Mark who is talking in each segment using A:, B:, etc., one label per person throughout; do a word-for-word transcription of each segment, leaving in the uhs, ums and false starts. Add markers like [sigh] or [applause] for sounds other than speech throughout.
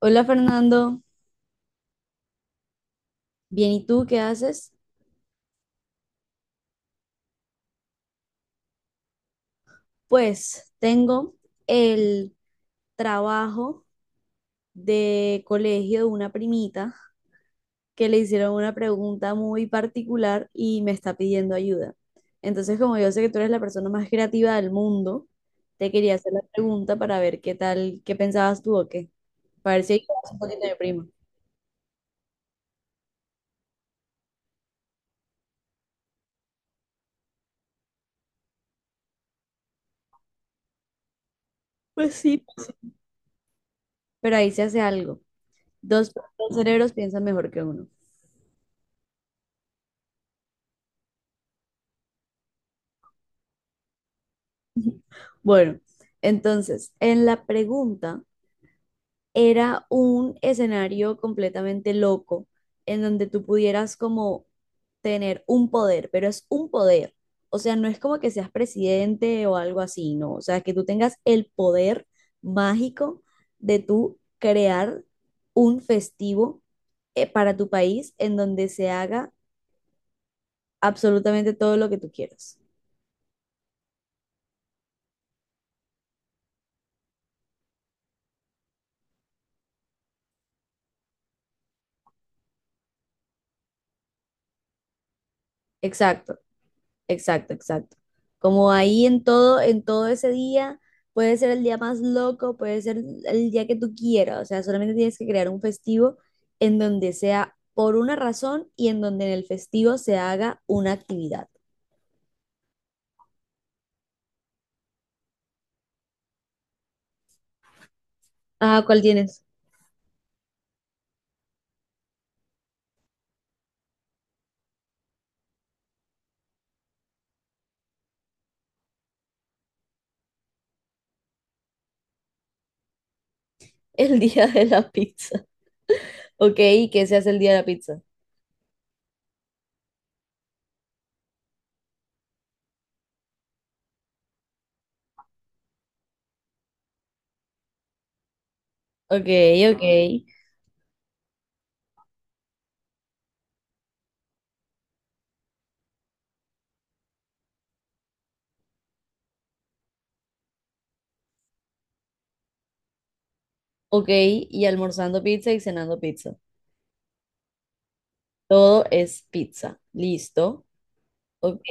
A: Hola Fernando, bien, ¿y tú qué haces? Pues tengo el trabajo de colegio de una primita que le hicieron una pregunta muy particular y me está pidiendo ayuda. Entonces, como yo sé que tú eres la persona más creativa del mundo, te quería hacer la pregunta para ver qué tal, qué pensabas tú o qué, para ver si ayudabas un poquito de prima. Pues sí. Pero ahí se hace algo. Dos, dos cerebros piensan mejor que uno. Bueno, entonces, en la pregunta era un escenario completamente loco en donde tú pudieras como tener un poder, pero es un poder. O sea, no es como que seas presidente o algo así, no. O sea, que tú tengas el poder mágico de tú crear un festivo eh, para tu país en donde se haga absolutamente todo lo que tú quieras. Exacto. Exacto, exacto. Como ahí en todo, en todo ese día, puede ser el día más loco, puede ser el día que tú quieras, o sea, solamente tienes que crear un festivo en donde sea por una razón y en donde en el festivo se haga una actividad. Ah, ¿cuál tienes? [laughs] El día de la pizza. Ok, ¿y qué se hace el día de la pizza? Ok, ok, ok, y almorzando pizza y cenando pizza. Todo es pizza. Listo. Ok,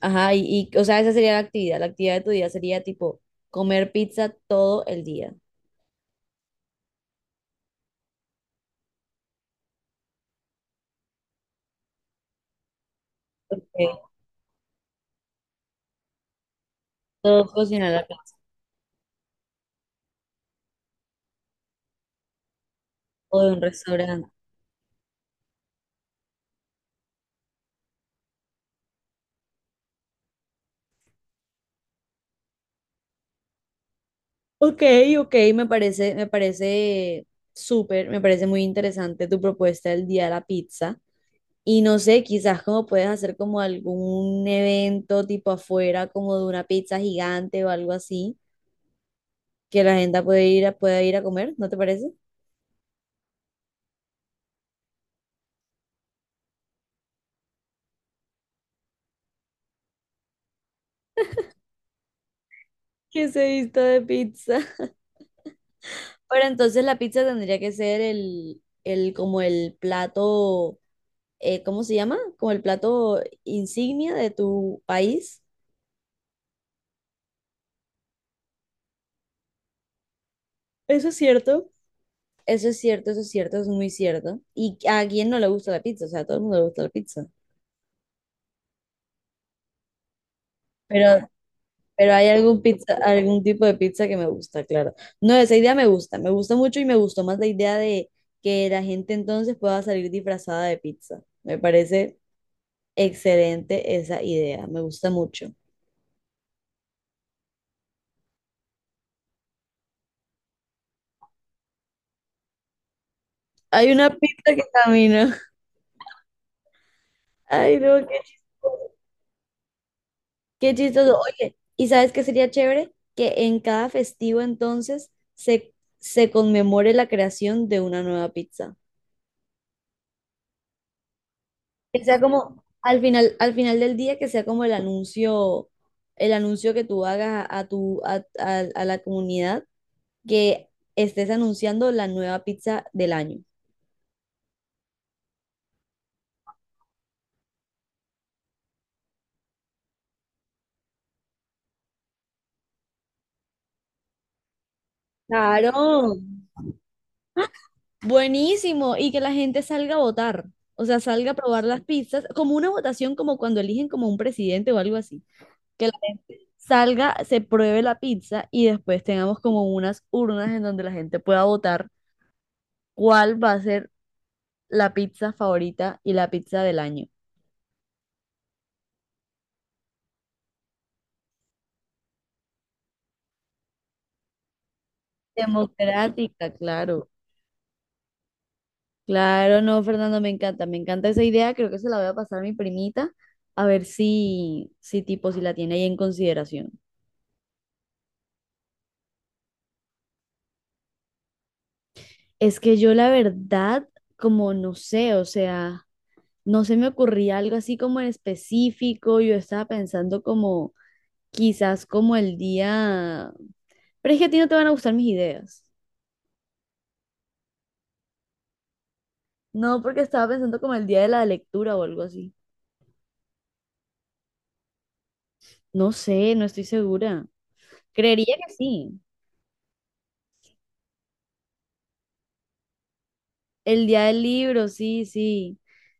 A: ajá, y, y, o sea, esa sería la actividad. La actividad de tu día sería tipo comer pizza todo el día. Ok. Todo cocinar la pizza o de un restaurante. Ok, ok, me parece, me parece súper, me parece muy interesante tu propuesta del día de la pizza. Y no sé, quizás como puedes hacer como algún evento tipo afuera, como de una pizza gigante o algo así, que la gente puede ir a, pueda ir a comer, ¿no te parece? Que se vista de pizza. Pero entonces la pizza tendría que ser el, el como el plato, eh, ¿cómo se llama? Como el plato insignia de tu país. Eso es cierto. Eso es cierto, eso es cierto, eso es muy cierto. ¿Y a quién no le gusta la pizza? O sea, a todo el mundo le gusta la pizza. Pero, pero hay algún pizza, algún tipo de pizza que me gusta, claro. No, esa idea me gusta, me gusta mucho y me gustó más la idea de que la gente entonces pueda salir disfrazada de pizza. Me parece excelente esa idea, me gusta mucho. Hay una pista que camina. Ay, no, qué chistoso. Qué chistoso. Oye, ¿y sabes qué sería chévere? Que en cada festivo entonces se, se conmemore la creación de una nueva pizza. Que sea como al final, al final del día, que sea como el anuncio, el anuncio que tú hagas a, a tu, a, a- a la comunidad, que estés anunciando la nueva pizza del año. Claro. Buenísimo, y que la gente salga a votar, o sea, salga a probar las pizzas, como una votación como cuando eligen como un presidente o algo así, que la gente salga, se pruebe la pizza y después tengamos como unas urnas en donde la gente pueda votar cuál va a ser la pizza favorita y la pizza del año. Democrática, claro. Claro, no, Fernando, me encanta, me encanta esa idea, creo que se la voy a pasar a mi primita, a ver si, si tipo, si la tiene ahí en consideración. Es que yo la verdad, como no sé, o sea, no se me ocurría algo así como en específico, yo estaba pensando como quizás como el día, pero es que a ti no te van a gustar mis ideas. No, porque estaba pensando como el día de la lectura o algo así. No sé, no estoy segura. Creería que sí. El día del libro, sí, sí,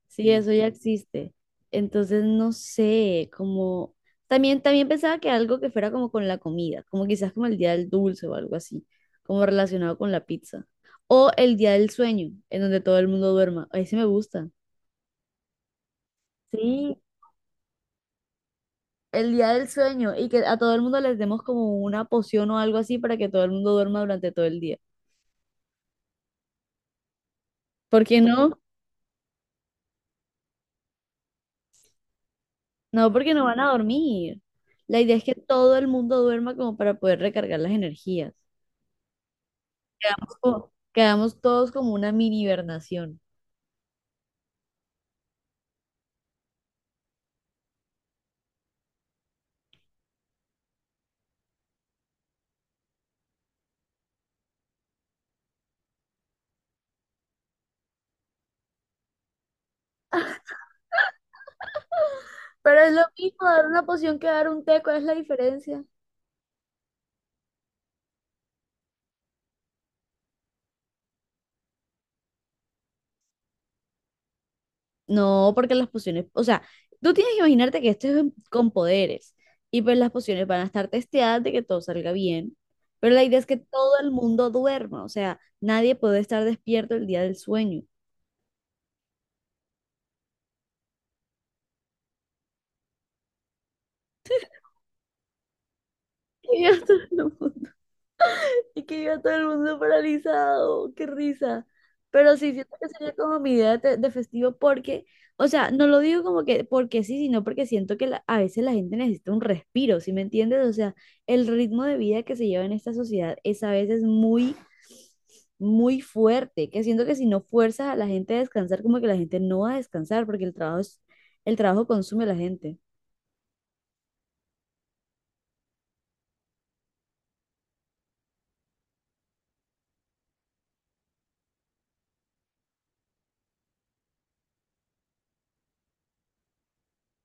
A: sí, sí, eso ya existe. Entonces, no sé, como también, también pensaba que algo que fuera como con la comida, como quizás como el día del dulce o algo así, como relacionado con la pizza. O el día del sueño, en donde todo el mundo duerma. Ahí sí me gusta. Sí, el día del sueño y que a todo el mundo les demos como una poción o algo así para que todo el mundo duerma durante todo el día. ¿Por qué no? No, porque no van a dormir. La idea es que todo el mundo duerma como para poder recargar las energías. Quedamos, como- quedamos todos como una mini hibernación. Pero es lo mismo dar una poción que dar un té, ¿cuál es la diferencia? No, porque las pociones, o sea, tú tienes que imaginarte que esto es en- con poderes y pues las pociones van a estar testeadas de que todo salga bien, pero la idea es que todo el mundo duerma, o sea, nadie puede estar despierto el día del sueño. [laughs] Y ya está, no. Y que iba todo el mundo paralizado, qué risa. Pero sí, siento que sería como mi idea de, de festivo porque, o sea, no lo digo como que porque sí, sino porque siento que la- a veces la gente necesita un respiro, ¿sí me entiendes? O sea, el ritmo de vida que se lleva en esta sociedad es a veces muy, muy fuerte, que siento que si no fuerzas a la gente a descansar, como que la gente no va a descansar porque el trabajo es, el trabajo consume a la gente.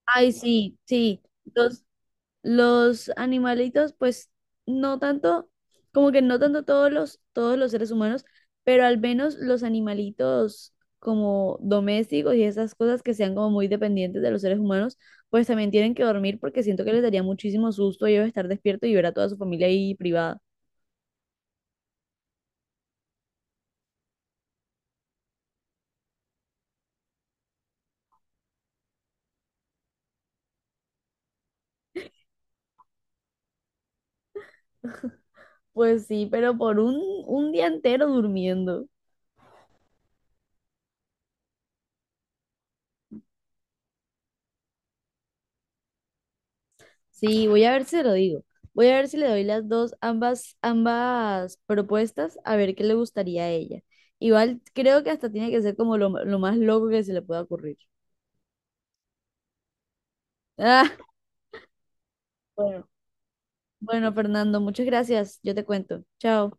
A: Ay, sí, sí, entonces. Los animalitos, pues no tanto, como que no tanto todos los, todos los seres humanos, pero al menos los animalitos como domésticos y esas cosas que sean como muy dependientes de los seres humanos, pues también tienen que dormir porque siento que les daría muchísimo susto a ellos estar despiertos y ver a toda su familia ahí privada. Pues sí, pero por un, un día entero durmiendo. Sí, voy a ver si se lo digo. Voy a ver si le doy las dos, ambas, ambas propuestas, a ver qué le gustaría a ella. Igual creo que hasta tiene que ser como lo, lo más loco que se le pueda ocurrir. [laughs] Ah, bueno, bueno, Fernando, muchas gracias. Yo te cuento. Chao.